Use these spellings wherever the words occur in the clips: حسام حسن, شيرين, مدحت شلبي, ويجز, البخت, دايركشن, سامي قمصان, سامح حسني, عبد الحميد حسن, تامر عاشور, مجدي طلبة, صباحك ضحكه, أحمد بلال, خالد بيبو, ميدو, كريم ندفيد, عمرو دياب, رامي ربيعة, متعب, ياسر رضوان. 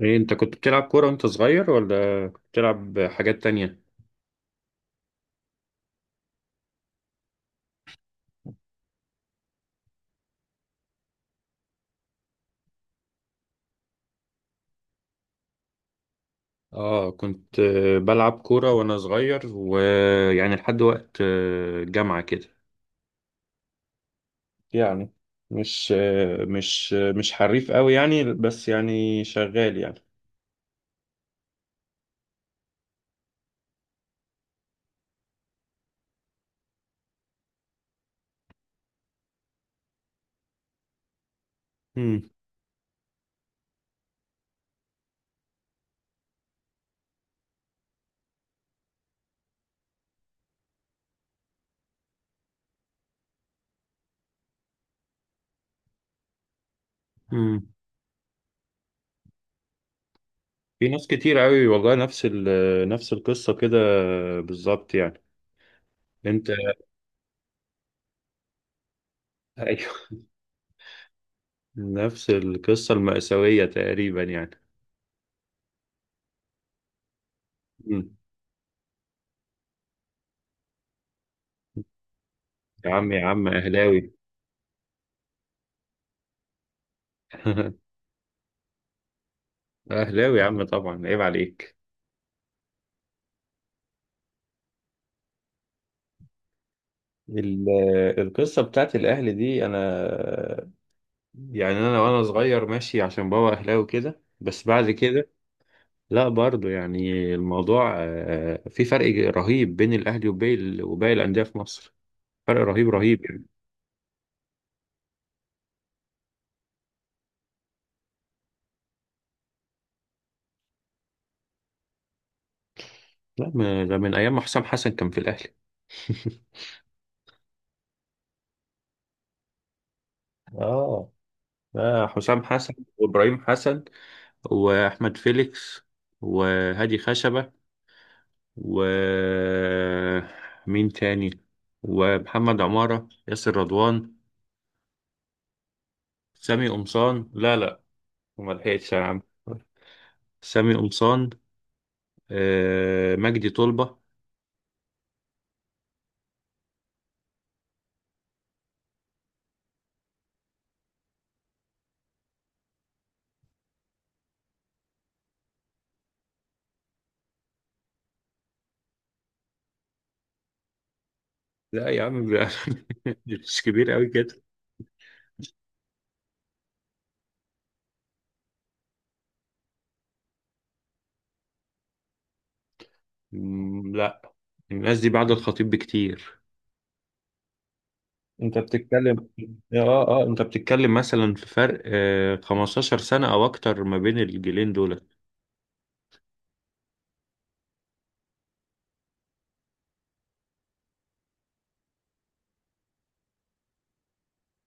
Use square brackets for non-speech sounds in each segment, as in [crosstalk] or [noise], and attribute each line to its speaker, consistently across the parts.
Speaker 1: ايه، انت كنت بتلعب كورة وانت صغير ولا بتلعب حاجات تانية؟ اه، كنت بلعب كورة وانا صغير، ويعني لحد وقت الجامعة كده يعني. مش حريف قوي يعني، بس يعني شغال يعني. امم. امم. في ناس كتير قوي والله، نفس ال آه، نفس القصة كده بالظبط يعني. انت... ايوه. [laughs] نفس القصة المأساوية تقريبا يعني. مم. يا عم، يا عم، اهلاوي. [laughs] أهلاوي يا عم، طبعا عيب عليك. ال- القصة بتاعت الأهلي دي، أنا يعني أنا وأنا صغير ماشي عشان بابا أهلاوي كده، بس بعد كده لا، برضو يعني الموضوع في فرق رهيب بين الأهلي وباقي وباقي الأندية في مصر. فرق رهيب رهيب يعني. لا، ده من أيام ما حسام حسن كان في الأهلي. [laughs] آه. حسام حسن، وإبراهيم حسن، وأحمد فيليكس، وهادي خشبة، ومين تاني، ومحمد عمارة، ياسر رضوان، سامي قمصان. لا لا، ما لحقتش يا عم. سامي قمصان، مجدي طلبة. لا يا عم، [laughs] مش كبير قوي كده. مم، لا، الناس دي بعد الخطيب بكتير. انت بتتكلم... اه اه، انت بتتكلم مثلا في فرق 15 سنة او اكتر ما بين الجيلين دول.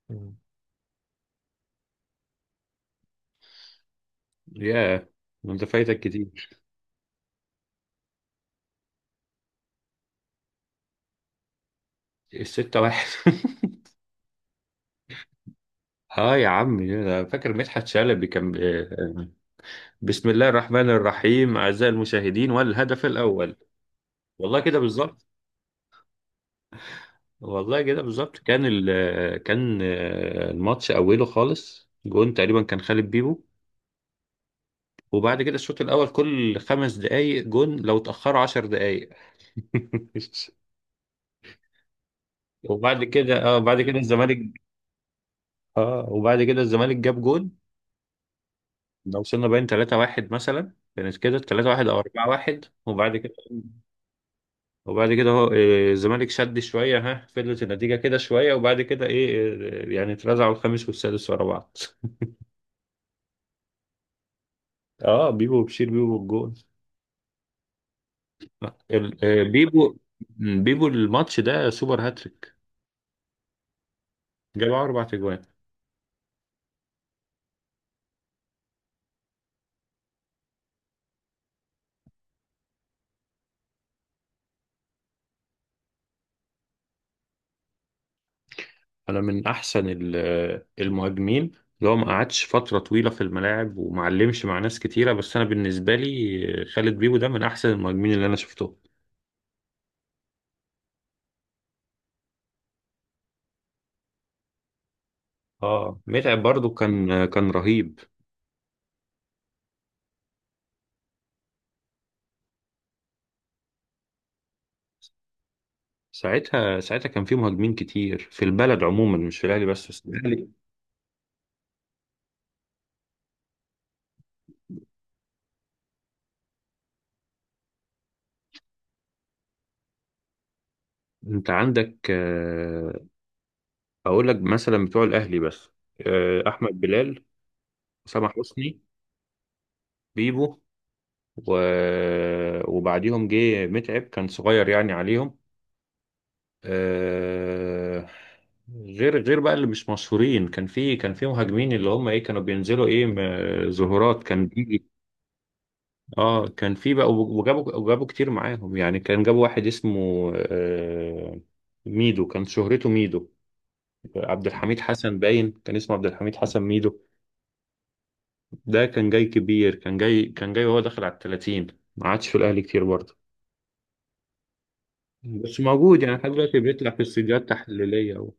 Speaker 1: مم. ياه، انت فايتك كتير. الستة واحد. [laughs] اه يا عم، أنا فاكر مدحت شلبي كان بسم الله الرحمن الرحيم، اعزائي المشاهدين، والهدف الاول. والله كده بالظبط. والله كده بالظبط، كان كان الماتش اوله خالص جون، تقريبا كان خالد بيبو. وبعد كده الشوط الاول كل خمس دقايق جون، لو اتاخروا عشر دقايق. [laughs] وبعد كده اه، بعد كده الزمالك اه وبعد كده الزمالك جاب جون. لو وصلنا باين 3-1 مثلا، كانت كده 3-1 او 4-1، وبعد كده وبعد كده هو الزمالك شد شوية، ها فضلت النتيجة كده شوية، وبعد كده إيه إيه، يعني اترزعوا الخامس والسادس ورا بعض. [laughs] أه، بيبو وبشير، بيبو بالجون. ال- آه، بيبو بيبو الماتش ده سوبر هاتريك. جاب أربع أجوان. أنا من أحسن المهاجمين، اللي هو ما قعدش فترة طويلة في الملاعب، وما علمش مع ناس كتيرة، بس أنا بالنسبة لي خالد بيبو ده من أحسن المهاجمين اللي أنا شفتهم. أه، متعب برضو كان كان رهيب. ساعتها ساعتها كان في مهاجمين كتير في البلد عموما، مش في الاهلي بس، بس الاهلي. انت عندك اقول لك مثلا بتوع الاهلي بس. احمد بلال، سامح حسني، بيبو، و... وبعديهم جه متعب، كان صغير يعني عليهم. آه، غير بقى، اللي مش مشهورين، كان في مهاجمين اللي هم كانوا بينزلوا ظهورات كان. اه، كان في بقى، وجابوا كتير معاهم يعني، كان جابوا واحد اسمه ميدو، كان شهرته ميدو. عبد الحميد حسن، باين كان اسمه عبد الحميد حسن ميدو. ده كان جاي كبير، كان جاي وهو داخل على ال 30. ما عادش في الاهلي كتير برضه، بس موجود يعني، لحد دلوقتي بيطلع في استديوهات تحليليه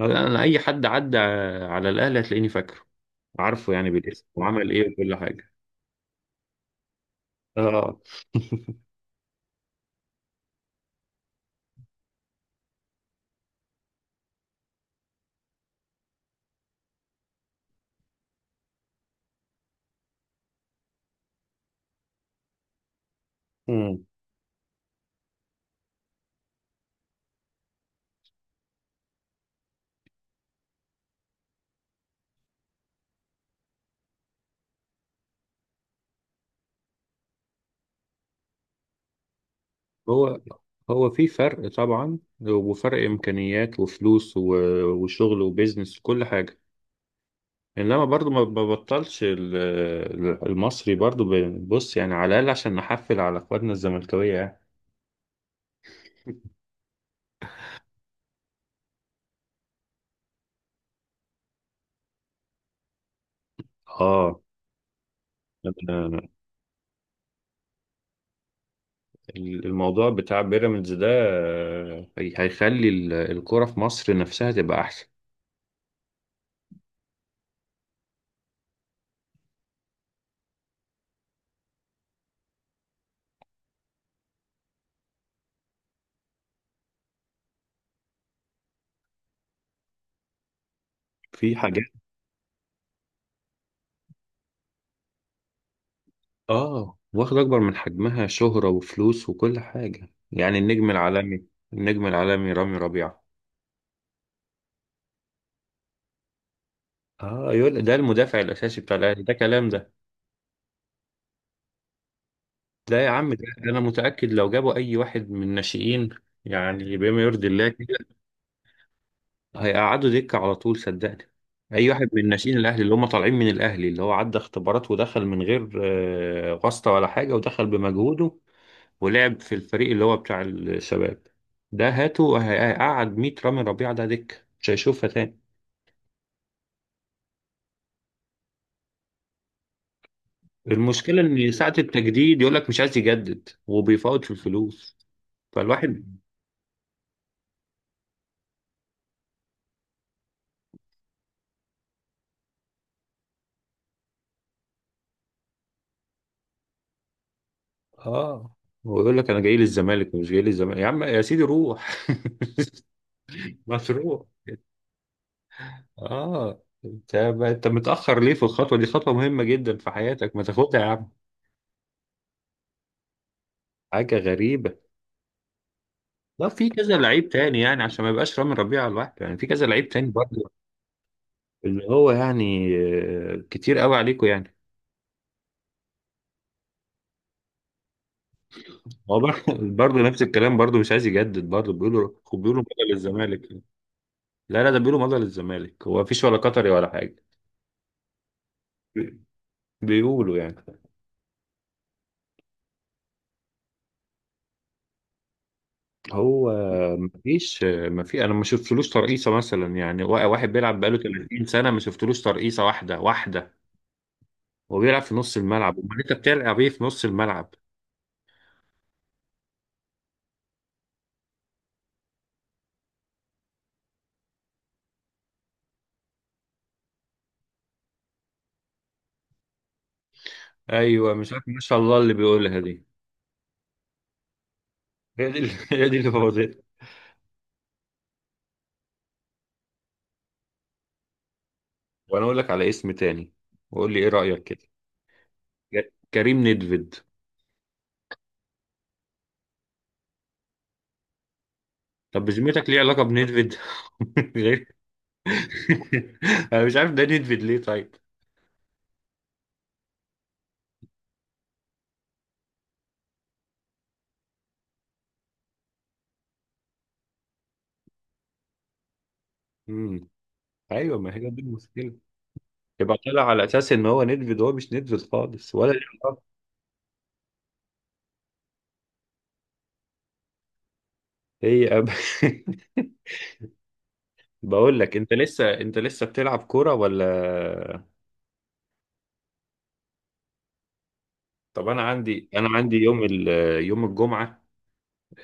Speaker 1: انا اي حد عدى على الاهلي هتلاقيني فاكره، عارفه يعني بالاسم وعمل ايه وكل حاجه. اه، هو هو في فرق طبعا، وفرق امكانيات وفلوس وشغل وبيزنس وكل حاجه. انما برضو ما ببطلش المصري برضو، بص يعني، على الاقل عشان نحفل على اخواتنا الزملكاويه يعني. اه، أنا- الموضوع بتاع بيراميدز ده هيخلي الكرة في مصر نفسها تبقى احسن. في حاجات. اه، واخد اكبر من حجمها شهرة وفلوس وكل حاجة، يعني النجم العالمي. النجم العالمي رامي ربيعة. اه، يقول ده المدافع الاساسي بتاع الاهلي؟ ده كلام ده؟ ده يا عم ده. انا متاكد، لو جابوا اي واحد من الناشئين يعني بما يرضي الله كده، هيقعدوا دكه على طول صدقني. اي واحد من الناشئين الاهلي، اللي هم طالعين من الاهلي، اللي هو عدى اختبارات ودخل من غير واسطه ولا حاجه، ودخل بمجهوده، ولعب في الفريق اللي هو بتاع الشباب، ده هاته هيقعد 100 رامي ربيعه، ده دكه مش هيشوفها تاني. المشكله ان ساعه التجديد يقول لك مش عايز يجدد، وبيفاوض في الفلوس، فالواحد... اه، هو يقول لك انا جاي للزمالك، مش جاي للزمالك يا عم، يا سيدي روح. [laughs] ما تروح. اه، انت متاخر ليه في الخطوه دي؟ خطوه مهمه جدا في حياتك، ما تاخدها يا عم. حاجه غريبه. لا، في كذا لعيب تاني يعني، عشان ما يبقاش رامي ربيعه على الواحد يعني، في كذا لعيب تاني برضه. اللي هو يعني كتير قوي عليكم يعني. هو برضه نفس الكلام، برضه مش عايز يجدد، برضه بيقولوا، بيقولوا مضى للزمالك. لا لا، ده بيقولوا مضى للزمالك، هو مفيش ولا قطري ولا حاجه. بي- بيقولوا يعني. هو مفيش، انا ما شفتلوش ترقيصه مثلا يعني، واحد بيلعب بقاله 30 سنه، ما شفتلوش ترقيصه واحده واحده، وبيلعب في نص الملعب، امال انت بتلعب ايه في نص الملعب؟ ايوه، مش عارف ما شاء الله اللي بيقولها دي. [laughs] هي دي اللي بوظتها. وانا اقول لك على اسم تاني، وقول لي ايه رايك كده. كريم ندفيد. طب بذمتك، ليه علاقه بندفيد؟ غير- [laughs] [laughs] انا مش عارف، ده ندفيد ليه طيب؟ امم. ايوه، ما هي دي المشكله. يبقى طلع على اساس ان هو نيدفيد، هو مش نيدفيد خالص ولا ليه؟ علاقة. هي أب... [laughs] بقول لك، انت لسه بتلعب كوره ولا؟ طب انا عندي يوم الجمعه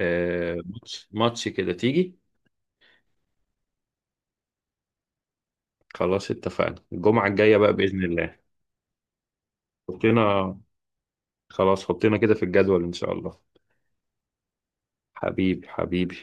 Speaker 1: ماتش كده، تيجي؟ خلاص، اتفقنا الجمعه الجايه بقى باذن الله. حطينا خلاص حطينا كده في الجدول ان شاء الله. حبيبي حبيبي.